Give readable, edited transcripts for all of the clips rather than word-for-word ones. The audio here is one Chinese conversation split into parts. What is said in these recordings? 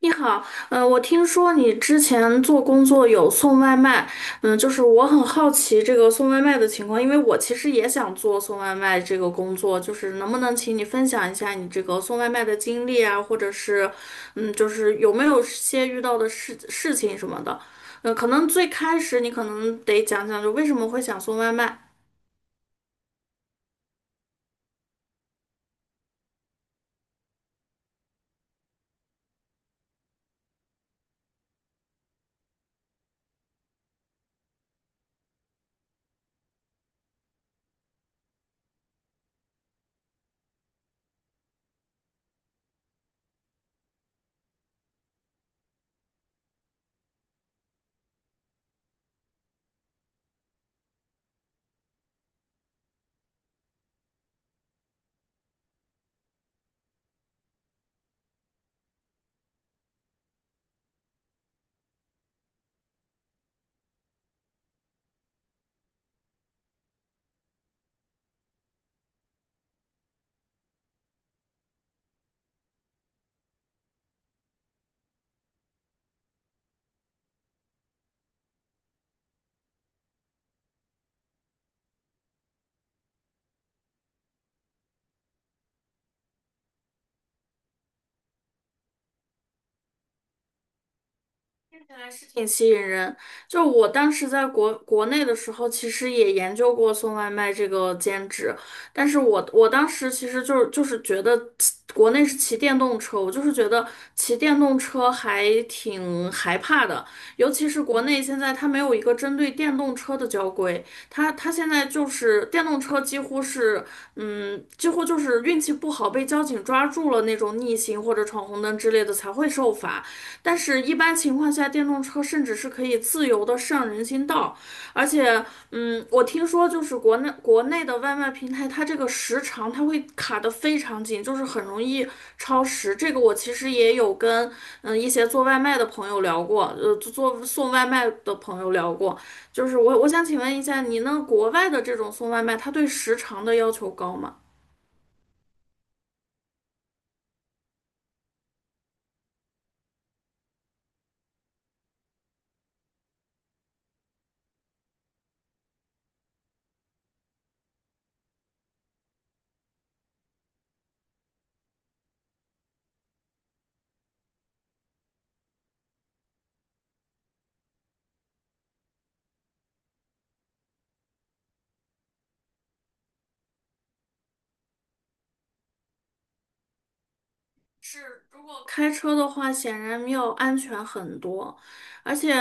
你好，我听说你之前做工作有送外卖。就是我很好奇这个送外卖的情况，因为我其实也想做送外卖这个工作，就是能不能请你分享一下你这个送外卖的经历啊，或者是，就是有没有些遇到的事情什么的，可能最开始你可能得讲讲，就为什么会想送外卖。看来是挺吸引人。就我当时在国内的时候，其实也研究过送外卖这个兼职，但是我当时其实就是觉得骑国内是骑电动车，我就是觉得骑电动车还挺害怕的，尤其是国内现在它没有一个针对电动车的交规，它现在就是电动车几乎是几乎就是运气不好被交警抓住了那种逆行或者闯红灯之类的才会受罚。但是，一般情况下，电动车甚至是可以自由的上人行道。而且，我听说就是国内的外卖平台，它这个时长它会卡得非常紧，就是很容易超时。这个我其实也有跟一些做外卖的朋友聊过，做送外卖的朋友聊过。就是我想请问一下，你那国外的这种送外卖，它对时长的要求高吗？是，如果开车的话，显然要安全很多。而且，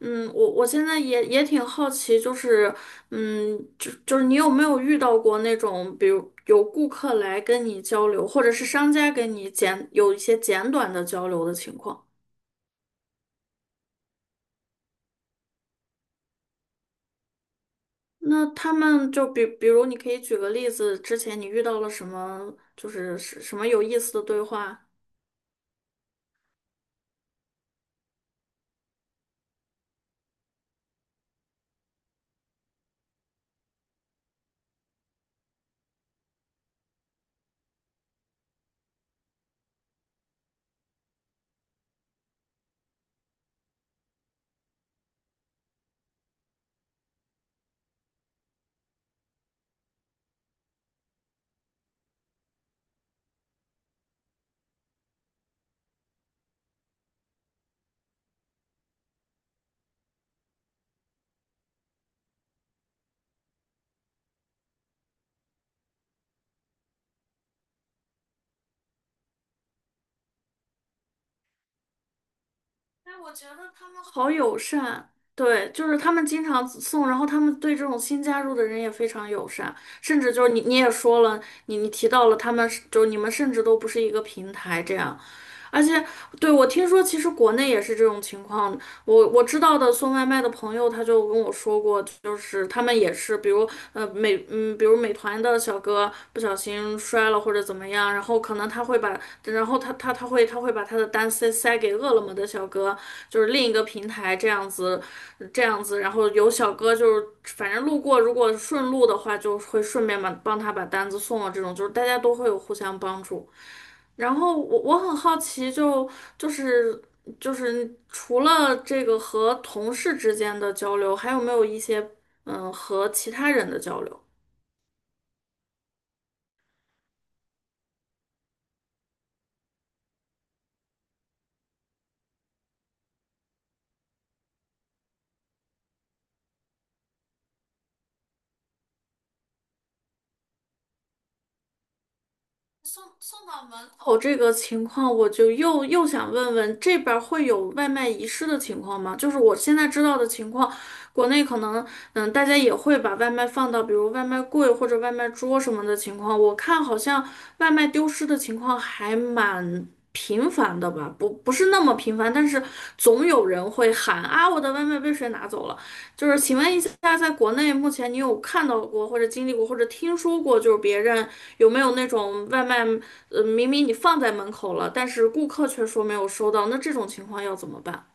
我现在也挺好奇，就是，就是你有没有遇到过那种，比如有顾客来跟你交流，或者是商家跟你简有一些简短的交流的情况？那他们就比如，你可以举个例子，之前你遇到了什么，就是什么有意思的对话？哎，我觉得他们好友善。对，就是他们经常送，然后他们对这种新加入的人也非常友善，甚至就是你也说了，你提到了他们是就是你们甚至都不是一个平台这样。而且，对，我听说其实国内也是这种情况。我知道的送外卖的朋友，他就跟我说过，就是他们也是，比如呃美嗯，比如美团的小哥不小心摔了或者怎么样，然后可能他会把，然后他把他的单塞给饿了么的小哥，就是另一个平台这样子，然后有小哥就是反正路过，如果顺路的话，就会顺便把帮他把单子送了。这种就是大家都会有互相帮助。然后我很好奇就，就是就是除了这个和同事之间的交流，还有没有一些和其他人的交流？哦，这个情况我就又想问问，这边儿会有外卖遗失的情况吗？就是我现在知道的情况，国内可能大家也会把外卖放到比如外卖柜或者外卖桌什么的情况，我看好像外卖丢失的情况还蛮频繁的吧，不是那么频繁，但是总有人会喊啊，我的外卖被谁拿走了。就是请问一下，在国内目前你有看到过或者经历过或者听说过，就是别人有没有那种外卖，明明你放在门口了，但是顾客却说没有收到，那这种情况要怎么办？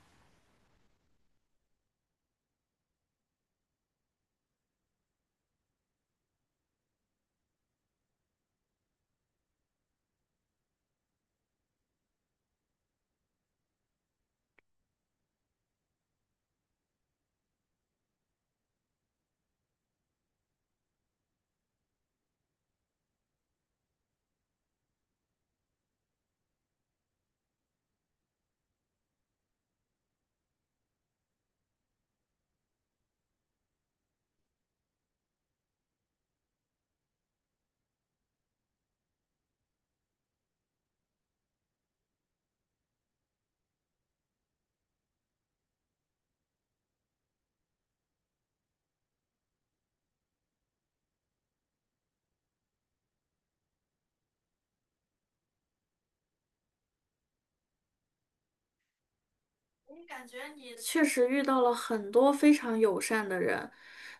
也确实遇到了很多非常友善的人。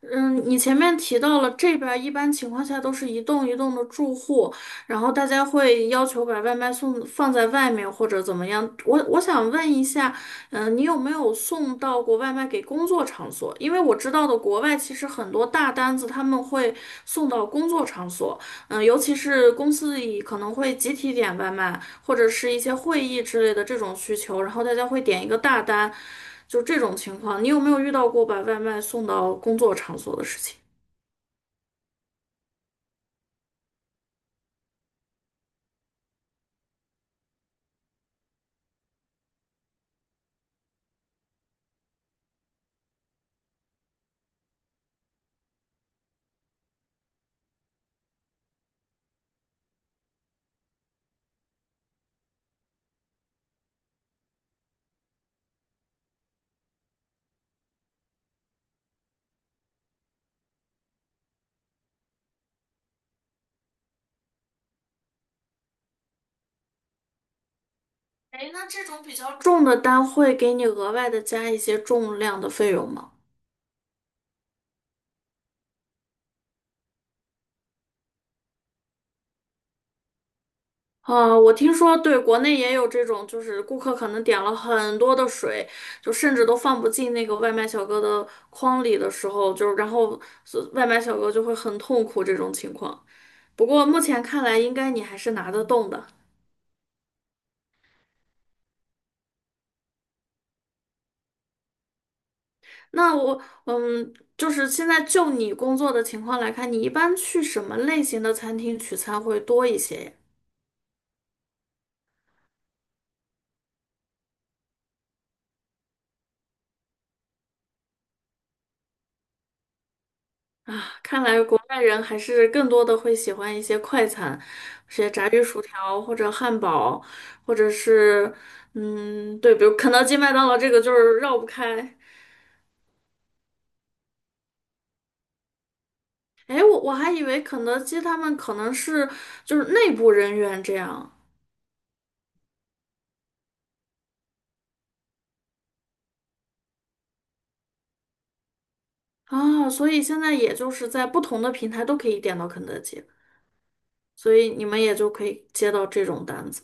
嗯，你前面提到了这边儿一般情况下都是一栋一栋的住户，然后大家会要求把外卖送放在外面或者怎么样。我想问一下，你有没有送到过外卖给工作场所？因为我知道的国外其实很多大单子他们会送到工作场所。嗯，尤其是公司里可能会集体点外卖，或者是一些会议之类的这种需求，然后大家会点一个大单，就这种情况，你有没有遇到过把外卖送到工作场所的事情？哎，那这种比较重的单会给你额外的加一些重量的费用吗？啊，我听说对，国内也有这种，就是顾客可能点了很多的水，就甚至都放不进那个外卖小哥的筐里的时候，就是然后所外卖小哥就会很痛苦这种情况。不过目前看来，应该你还是拿得动的。那我，就是现在就你工作的情况来看，你一般去什么类型的餐厅取餐会多一些呀？啊，看来国外人还是更多的会喜欢一些快餐，一些炸鱼薯条或者汉堡，或者是，对，比如肯德基、麦当劳这个就是绕不开。哎，我还以为肯德基他们可能是就是内部人员这样。啊，所以现在也就是在不同的平台都可以点到肯德基，所以你们也就可以接到这种单子。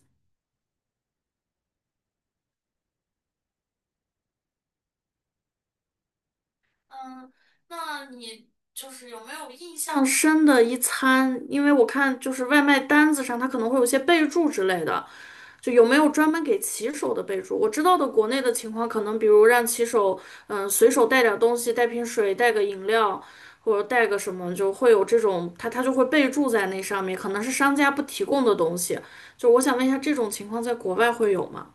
嗯，那你就是有没有印象？深的一餐，因为我看就是外卖单子上它可能会有些备注之类的，就有没有专门给骑手的备注？我知道的国内的情况，可能比如让骑手，随手带点东西，带瓶水，带个饮料，或者带个什么，就会有这种，他就会备注在那上面，可能是商家不提供的东西。就我想问一下，这种情况在国外会有吗？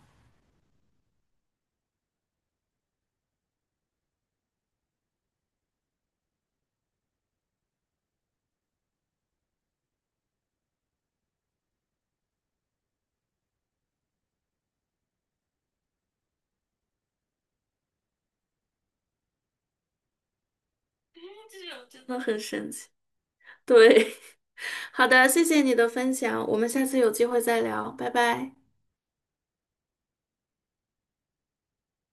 真的很神奇。对，好的，谢谢你的分享，我们下次有机会再聊，拜拜。